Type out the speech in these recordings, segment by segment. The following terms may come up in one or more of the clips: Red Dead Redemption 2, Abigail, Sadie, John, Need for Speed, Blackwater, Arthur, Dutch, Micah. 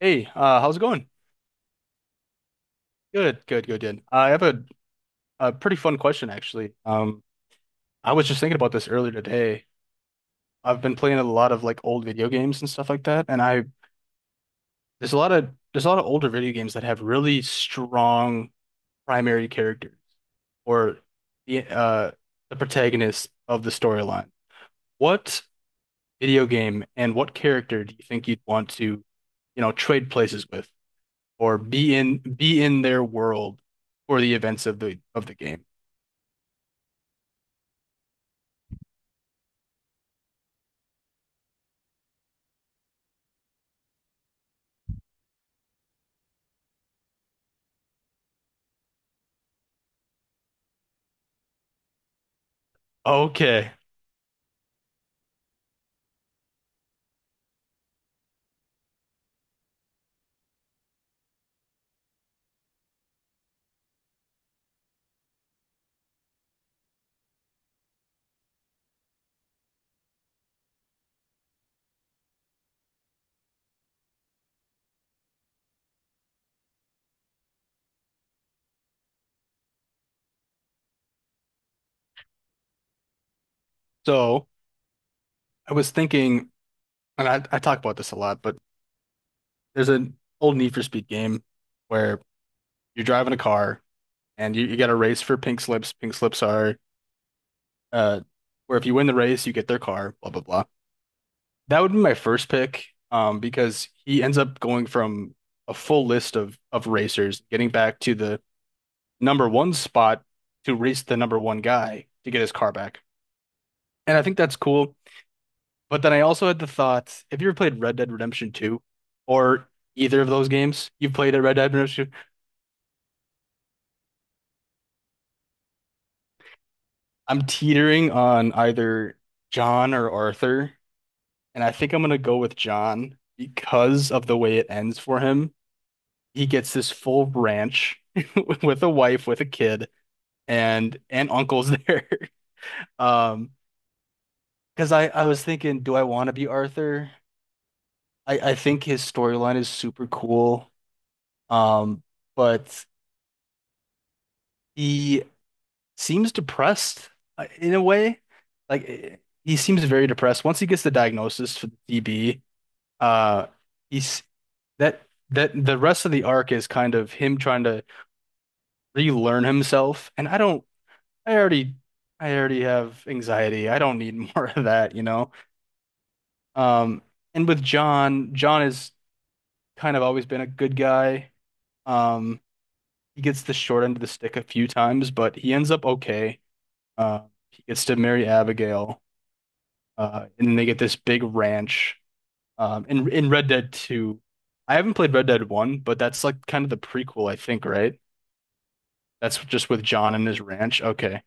Hey, how's it going? Good, good, good, good. I have a pretty fun question actually. I was just thinking about this earlier today. I've been playing a lot of like old video games and stuff like that, and I there's a lot of there's a lot of older video games that have really strong primary characters or the uh the protagonist of the storyline. What video game and what character do you think you'd want to, trade places with or be in their world for the events of the game? Okay. So I was thinking, and I talk about this a lot, but there's an old Need for Speed game where you're driving a car and you got a race for pink slips. Pink slips are uh where if you win the race, you get their car, blah blah blah. That would be my first pick, because he ends up going from a full list of racers, getting back to the number one spot to race the number one guy to get his car back. And I think that's cool. But then I also had the thought, have you ever played Red Dead Redemption 2 or either of those games? You've played a Red Dead Redemption 2. I'm teetering on either John or Arthur, and I think I'm gonna go with John because of the way it ends for him. He gets this full ranch with a wife, with a kid, and uncle's there. Um, because I was thinking, do I want to be Arthur? I think his storyline is super cool. Um, but he seems depressed in a way. Like he seems very depressed. Once he gets the diagnosis for the DB, uh, he's that that the rest of the arc is kind of him trying to relearn himself. And I don't, I already, I already have anxiety. I don't need more of that. Um, and with John, John has kind of always been a good guy. Um, he gets the short end of the stick a few times, but he ends up okay. Uh, he gets to marry Abigail. And then they get this big ranch. In Red Dead 2, I haven't played Red Dead 1, but that's like kind of the prequel, I think, right? That's just with John and his ranch. Okay.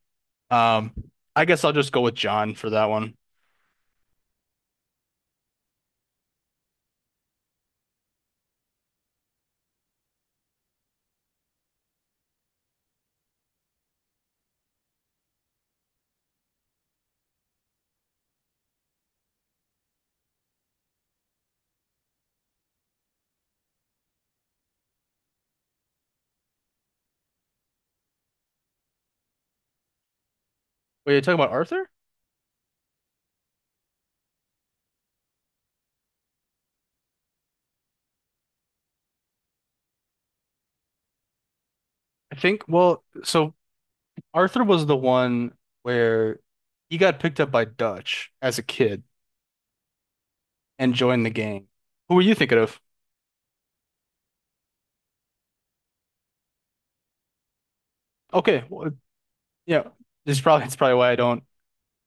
Um, I guess I'll just go with John for that one. Wait, you're talking about Arthur? I think, well, so Arthur was the one where he got picked up by Dutch as a kid and joined the gang. Who were you thinking of? Okay, well, yeah, this is probably it's probably why I don't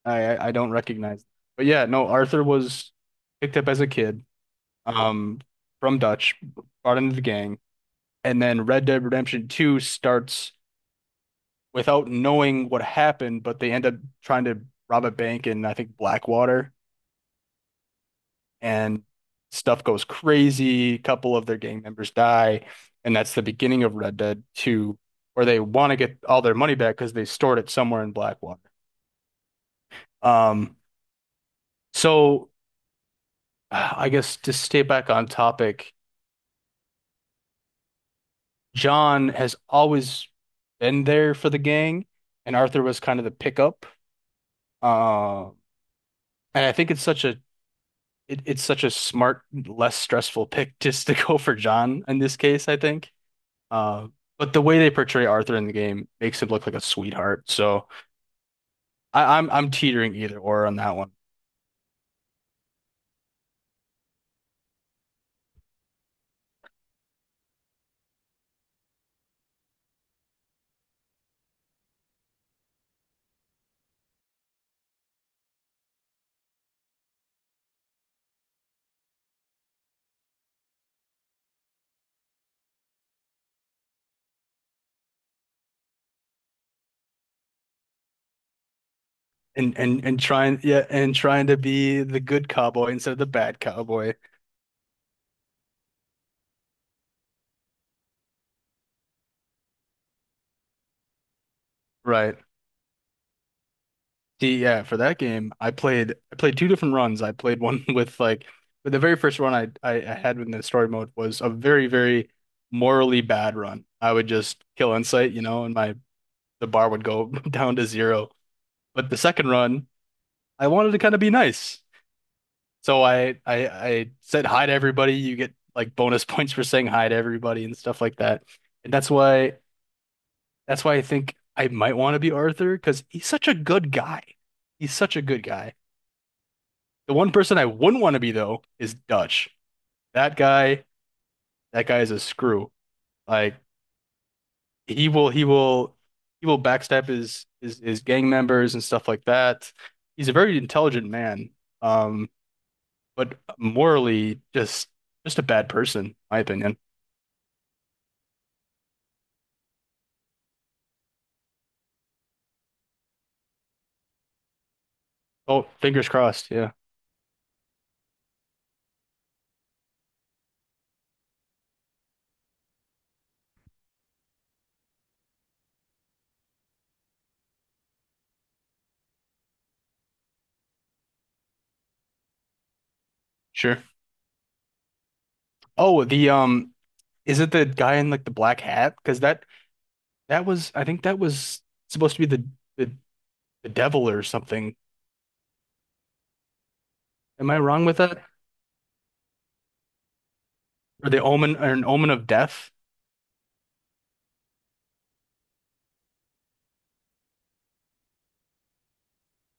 I don't recognize. But yeah, no, Arthur was picked up as a kid, um, from Dutch, brought into the gang, and then Red Dead Redemption 2 starts without knowing what happened, but they end up trying to rob a bank in I think Blackwater, and stuff goes crazy. A couple of their gang members die, and that's the beginning of Red Dead 2, where they want to get all their money back because they stored it somewhere in Blackwater. Um, so I guess to stay back on topic, John has always been there for the gang, and Arthur was kind of the pickup. Uh, and I think it's such a it's such a smart, less stressful pick just to go for John in this case, I think. Uh, but the way they portray Arthur in the game makes him look like a sweetheart. So I'm teetering either or on that one. And trying yeah, and trying to be the good cowboy instead of the bad cowboy. Right. See, yeah, for that game, I played two different runs. I played one with like but the very first run I had in the story mode was a very, very morally bad run. I would just kill Insight, you know, and my the bar would go down to zero. But the second run, I wanted to kind of be nice. So I said hi to everybody. You get like bonus points for saying hi to everybody and stuff like that. And that's why I think I might want to be Arthur because he's such a good guy. He's such a good guy. The one person I wouldn't want to be though is Dutch. That guy, that guy is a screw. Like he will, he will, he will backstab his his gang members and stuff like that. He's a very intelligent man, um, but morally just a bad person, my opinion. Oh, fingers crossed. Yeah, sure. Oh, the is it the guy in like the black hat? Because that was, I think that was supposed to be the the devil or something. Am I wrong with that? Or the omen or an omen of death.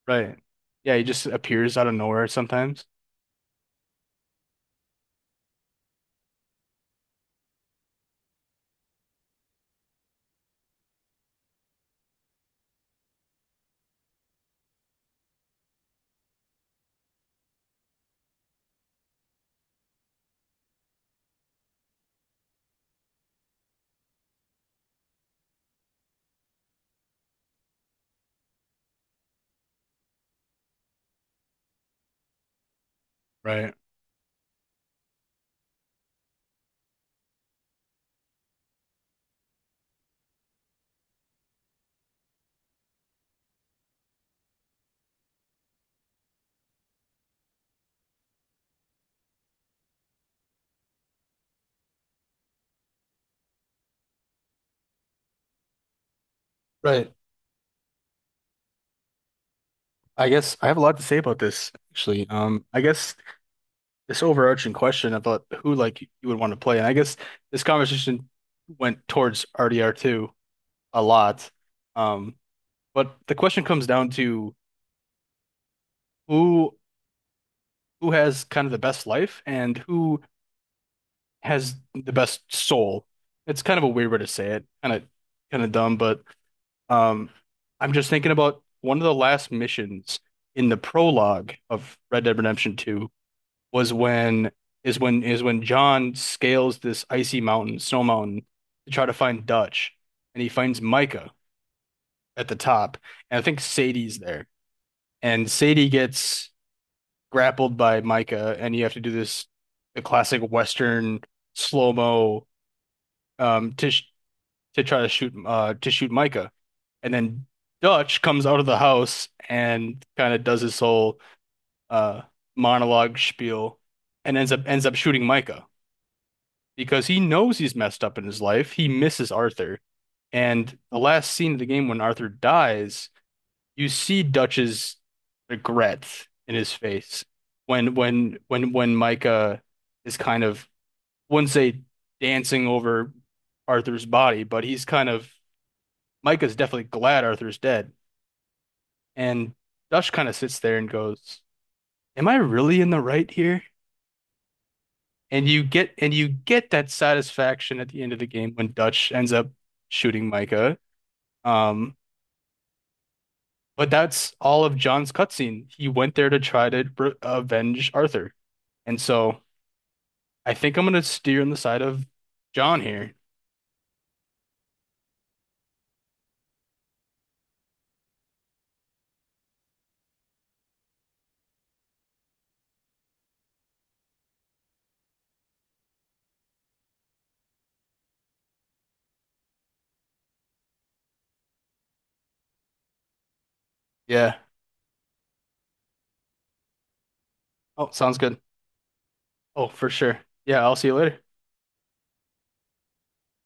Right. Yeah, he just appears out of nowhere sometimes. Right. Right. I guess I have a lot to say about this, actually. I guess this overarching question about who like you would want to play, and I guess this conversation went towards RDR2 a lot. Um, but the question comes down to who who has kind of the best life and who has the best soul. It's kind of a weird way to say it, kind of dumb, but Um, I'm just thinking about one of the last missions in the prologue of Red Dead Redemption 2 was when is when is when John scales this icy mountain, snow mountain, to try to find Dutch, and he finds Micah at the top, and I think Sadie's there, and Sadie gets grappled by Micah, and you have to do this the classic Western slow-mo um, to to try to shoot Micah. And then Dutch comes out of the house and kind of does his whole uh monologue spiel and ends up shooting Micah because he knows he's messed up in his life. He misses Arthur. And the last scene of the game when Arthur dies, you see Dutch's regret in his face when Micah is kind of I wouldn't say dancing over Arthur's body, but he's kind of Micah's definitely glad Arthur's dead. And Dush kind of sits there and goes, am I really in the right here? And you get that satisfaction at the end of the game when Dutch ends up shooting Micah. Um, but that's all of John's cutscene. He went there to try to avenge Arthur. And so I think I'm gonna steer on the side of John here. Yeah. Oh, sounds good. Oh, for sure. Yeah, I'll see you later.